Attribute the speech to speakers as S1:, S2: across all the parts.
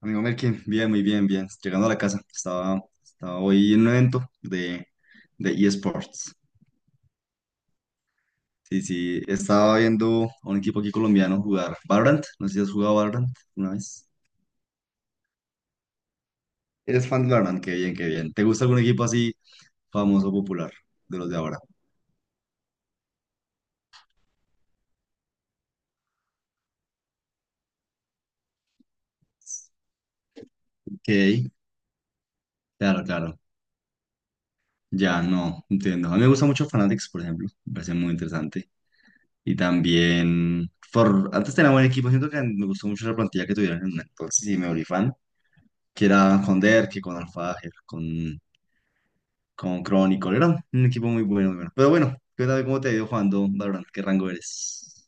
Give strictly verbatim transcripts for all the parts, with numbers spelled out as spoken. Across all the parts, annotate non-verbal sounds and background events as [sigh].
S1: Amigo Melkin, bien, muy bien, bien. Llegando a la casa, estaba, estaba hoy en un evento de, de eSports. Sí, sí, estaba viendo a un equipo aquí colombiano jugar Valorant. No sé si has jugado Valorant una vez. Eres fan de Valorant, qué bien, qué bien. ¿Te gusta algún equipo así famoso, popular, de los de ahora? Ok, claro, claro. Ya, no, entiendo. A mí me gusta mucho Fanatics, por ejemplo. Me parece muy interesante. Y también, For- antes tenía buen equipo. Siento que me gustó mucho la plantilla que tuvieron en- entonces y me volví fan. Que era con Derke, con Alfájer, con, con Chronicle. Era un equipo muy bueno, muy bueno. Pero bueno, cuéntame cómo te ha ido jugando Valorant. ¿Qué rango eres?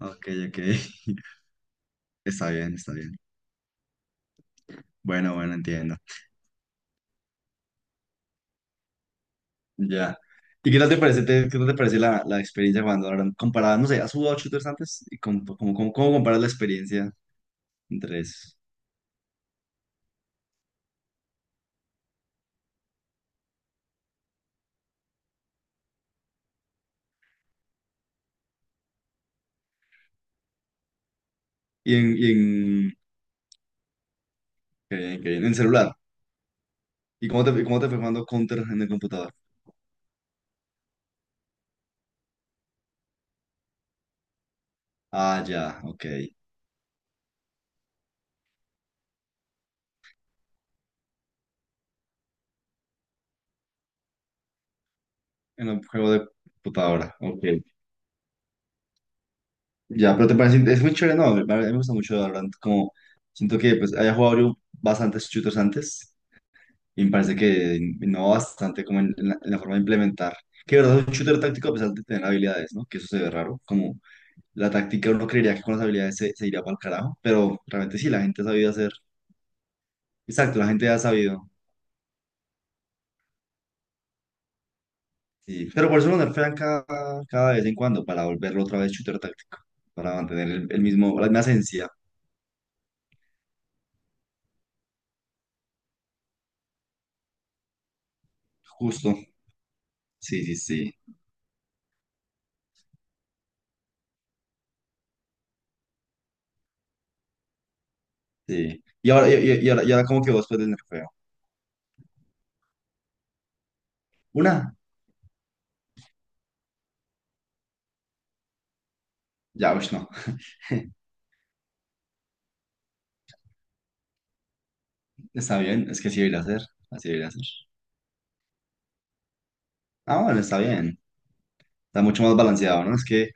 S1: Ok, ok. [laughs] Está bien, está bien. Bueno, bueno, entiendo. Ya. ¿Y qué tal te parece, te- qué tal te parece la, la experiencia jugando ahora? Comparada, no sé, ¿has jugado shooters antes? ¿Y cómo, cómo, cómo- cómo comparas la experiencia entre esos? Y en, y en, Qué bien, qué bien, en celular. ¿Y cómo te, y cómo te fue jugando Counter en el computador? Ah, ya, ok. En un juego de computadora, ok. Ya, pero te parece, es muy chévere, no, a mí me gusta mucho Valorant, como siento que pues haya jugado yo bastantes shooters antes. Y me parece que innova bastante como en, en la, en la forma de implementar. Que de verdad es un shooter táctico a pesar de tener habilidades, ¿no? Que eso se ve raro. Como la táctica uno creería que con las habilidades se, se iría para el carajo, pero realmente sí, la gente ha sabido hacer. Exacto, la gente ha sabido. Sí. Pero por eso lo nerfean cada, cada vez en cuando, para volverlo otra vez shooter táctico, para mantener el, el mismo, la misma esencia, justo. Sí, sí, sí, sí. Y ahora, y, y- y ahora, y ahora como que vos puedes nerfeo. Una, ya, pues no. [laughs] Está bien, es que así debería ser, así debería ser. Ah, bueno, está bien. Está mucho más balanceado, ¿no? Es que,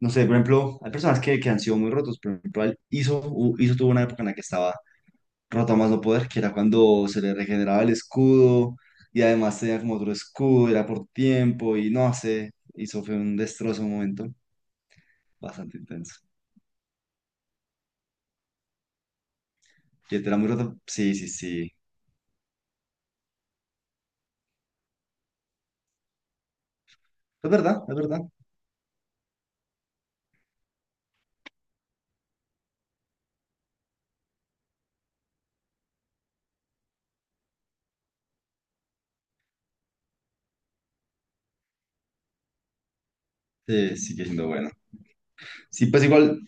S1: no sé, por ejemplo, hay personas que, que han sido muy rotos. Por ejemplo, al Iso, u- Iso tuvo una época en la que estaba roto a más no poder, que era cuando se le regeneraba el escudo y además tenía como otro escudo, era por tiempo y no sé. Iso fue un destrozo, un momento bastante intenso. ¿Que te era muy roto? Sí, sí, sí. Es verdad, es verdad. Sí, sigue siendo bueno. Sí, pues igual.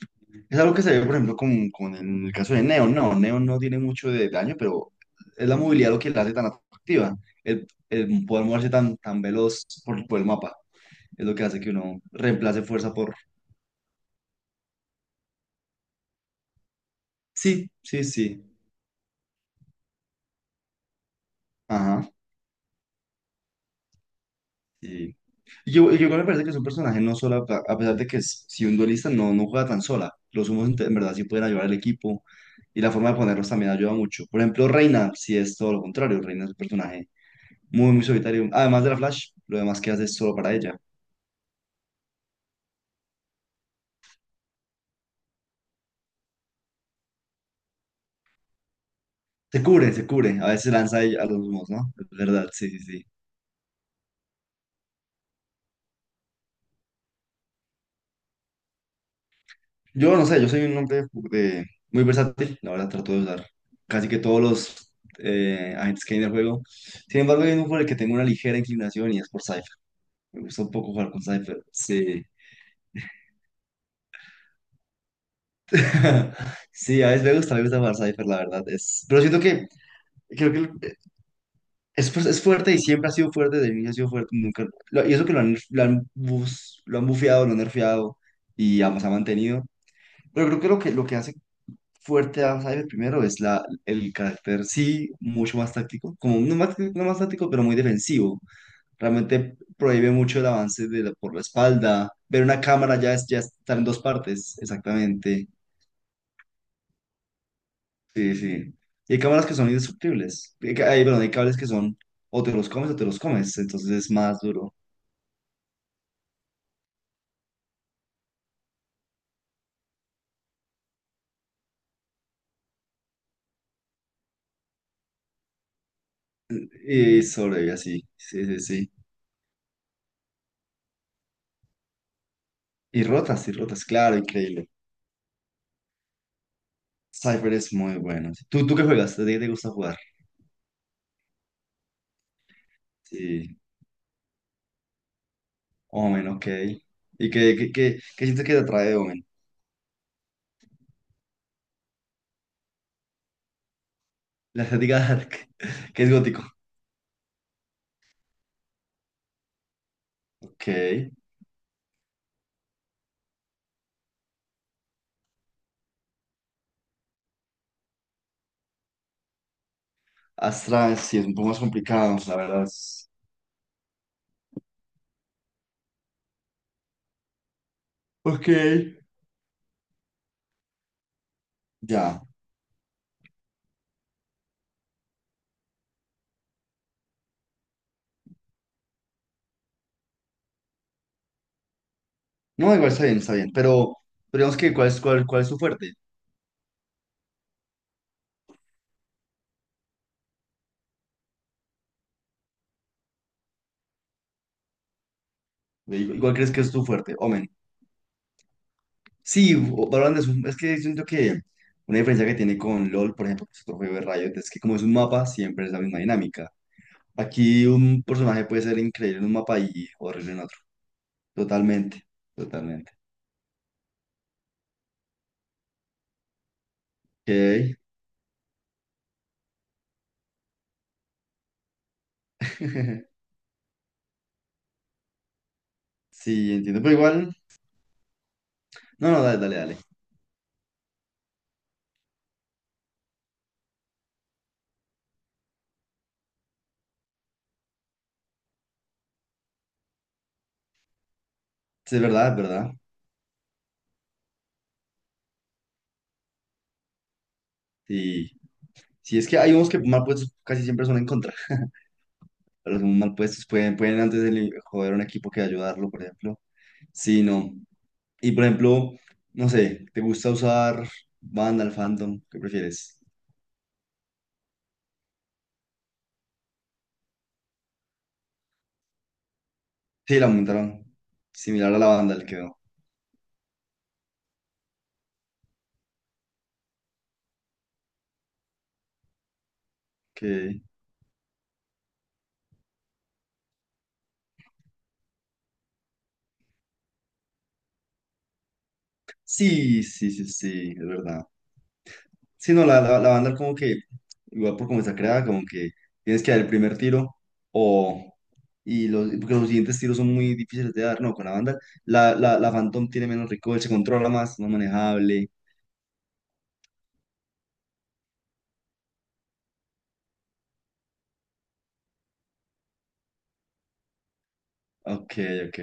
S1: Es algo que se ve, por ejemplo, con, con, el caso de Neo. No, Neo no tiene mucho de daño, pero es la movilidad lo que la hace tan atractiva. El, el poder moverse tan, tan veloz por, por el mapa es lo que hace que uno reemplace fuerza por... Sí, sí, sí. Ajá. Y y yo, y yo igual me parece que es un personaje no sola, a a pesar de que es- si un duelista no, no juega tan sola, los humos en en verdad sí pueden ayudar al equipo y la forma de ponerlos también ayuda mucho. Por ejemplo, Reina, si es todo lo contrario, Reina es un personaje muy, muy solitario. Además de la Flash, lo demás que hace es solo para ella. Se cubre, se cubre. A veces lanza ella a los humos, ¿no? Es verdad, sí, sí, sí. Yo no sé, yo soy un hombre eh, muy versátil. La verdad, trato de usar casi que todos los eh, agentes que hay en el juego. Sin embargo, hay uno por el que tengo una ligera inclinación y es por Cypher. Me gusta un poco jugar con Cypher. Sí. [laughs] Sí, a veces me gusta, me gusta jugar Cypher, la verdad. Es... Pero siento que creo que Es, fu- es fuerte y siempre ha sido fuerte, de niño ha sido fuerte, nunca, lo- y eso que lo han, lo han, bus- lo han bufeado, lo han nerfeado y además ha mantenido. Pero creo que, lo que, lo que hace fuerte a Cyber primero es la, el carácter, sí, mucho más táctico, como no más, no más táctico, pero muy defensivo. Realmente prohíbe mucho el avance de la- por la espalda. Ver una cámara ya, es, ya está en dos partes, exactamente. Sí, sí. Y hay cámaras que son indestructibles. Hay, ca- hay, perdón, hay cables que son o te los comes o te los comes, entonces es más duro. Y solo y así, sí, sí, sí. Y rotas, y rotas, claro, increíble. Cypher es muy bueno. ¿Tú, tú qué juegas? ¿De qué te gusta jugar? Sí, Omen, ok. ¿Y qué, qué, qué, qué sientes que te atrae de Omen? La estética dark, [laughs] que es gótico. Ok. Astra sí es un poco más complicado, la verdad. es- Ok. Ya. No, igual está bien, está bien. Pero, pero digamos que, ¿cuál es, cuál, cuál es tu fuerte? Igual crees que es tu fuerte, Omen. Sí, o- Valorant es, un- es que siento que una diferencia que tiene con LOL, por ejemplo, que es otro juego de Riot, es que como es un mapa, siempre es la misma dinámica. Aquí un personaje puede ser increíble en un mapa y horrible en otro. Totalmente, totalmente. Ok. [laughs] Sí, entiendo, pero igual, no, no, dale, dale, dale. Sí, es verdad, es verdad. Sí, sí, es que hay unos que mal puestos casi siempre son en contra. Los mal puestos pueden, pueden antes de li- joder a un equipo que ayudarlo, por ejemplo. Sí, no. Y por ejemplo, no sé, ¿te gusta usar Vandal, Phantom? ¿Qué prefieres? Sí, la montaron. Similar a la Vandal quedó. Que... Sí, sí, sí, sí, es verdad. Sí, no, la, la, la Vandal como que, igual por cómo está creada, como que tienes que dar el primer tiro o... Y los, porque los siguientes tiros son muy difíciles de dar, no, con la Vandal. La, la, la Phantom tiene menos recoil, se controla más, más manejable. Ok, ok.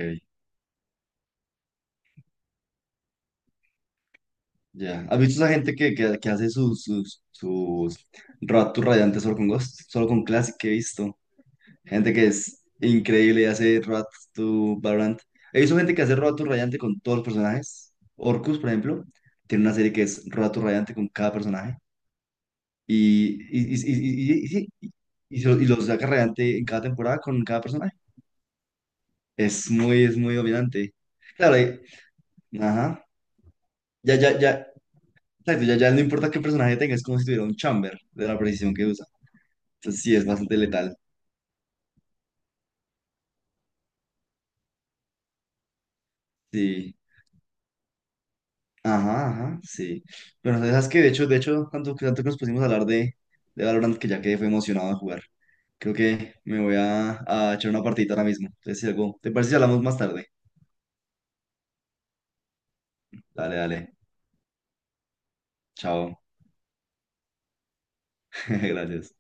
S1: Ya. ¿Has visto esa gente que, que, que hace sus, sus, sus rap to radiantes solo con Ghost? Solo con Classic que he visto. Gente que es increíble y hace rap to Valorant. He visto gente que hace rap to radiante con todos los personajes. Orcus, por ejemplo, tiene una serie que es rap to radiante con cada personaje. Y, y, y, y, y, y- y- sí, y lo, y lo saca radiante en cada temporada con cada personaje. Es muy, es muy dominante. Claro, y- ajá. Ya, ya, ya. Exacto, ya, ya no importa qué personaje tenga, es como si tuviera un chamber de la precisión que usa. Entonces sí, es bastante letal. Sí. Ajá, ajá, sí. Bueno, sabes que de hecho, de hecho, tanto, que- tanto que nos pusimos a hablar de, de, Valorant que ya quedé fue emocionado de jugar. Creo que me voy a, a echar una partidita ahora mismo. Entonces, si algo, ¿te parece si hablamos más tarde? Dale, dale. Chao. [laughs] Gracias.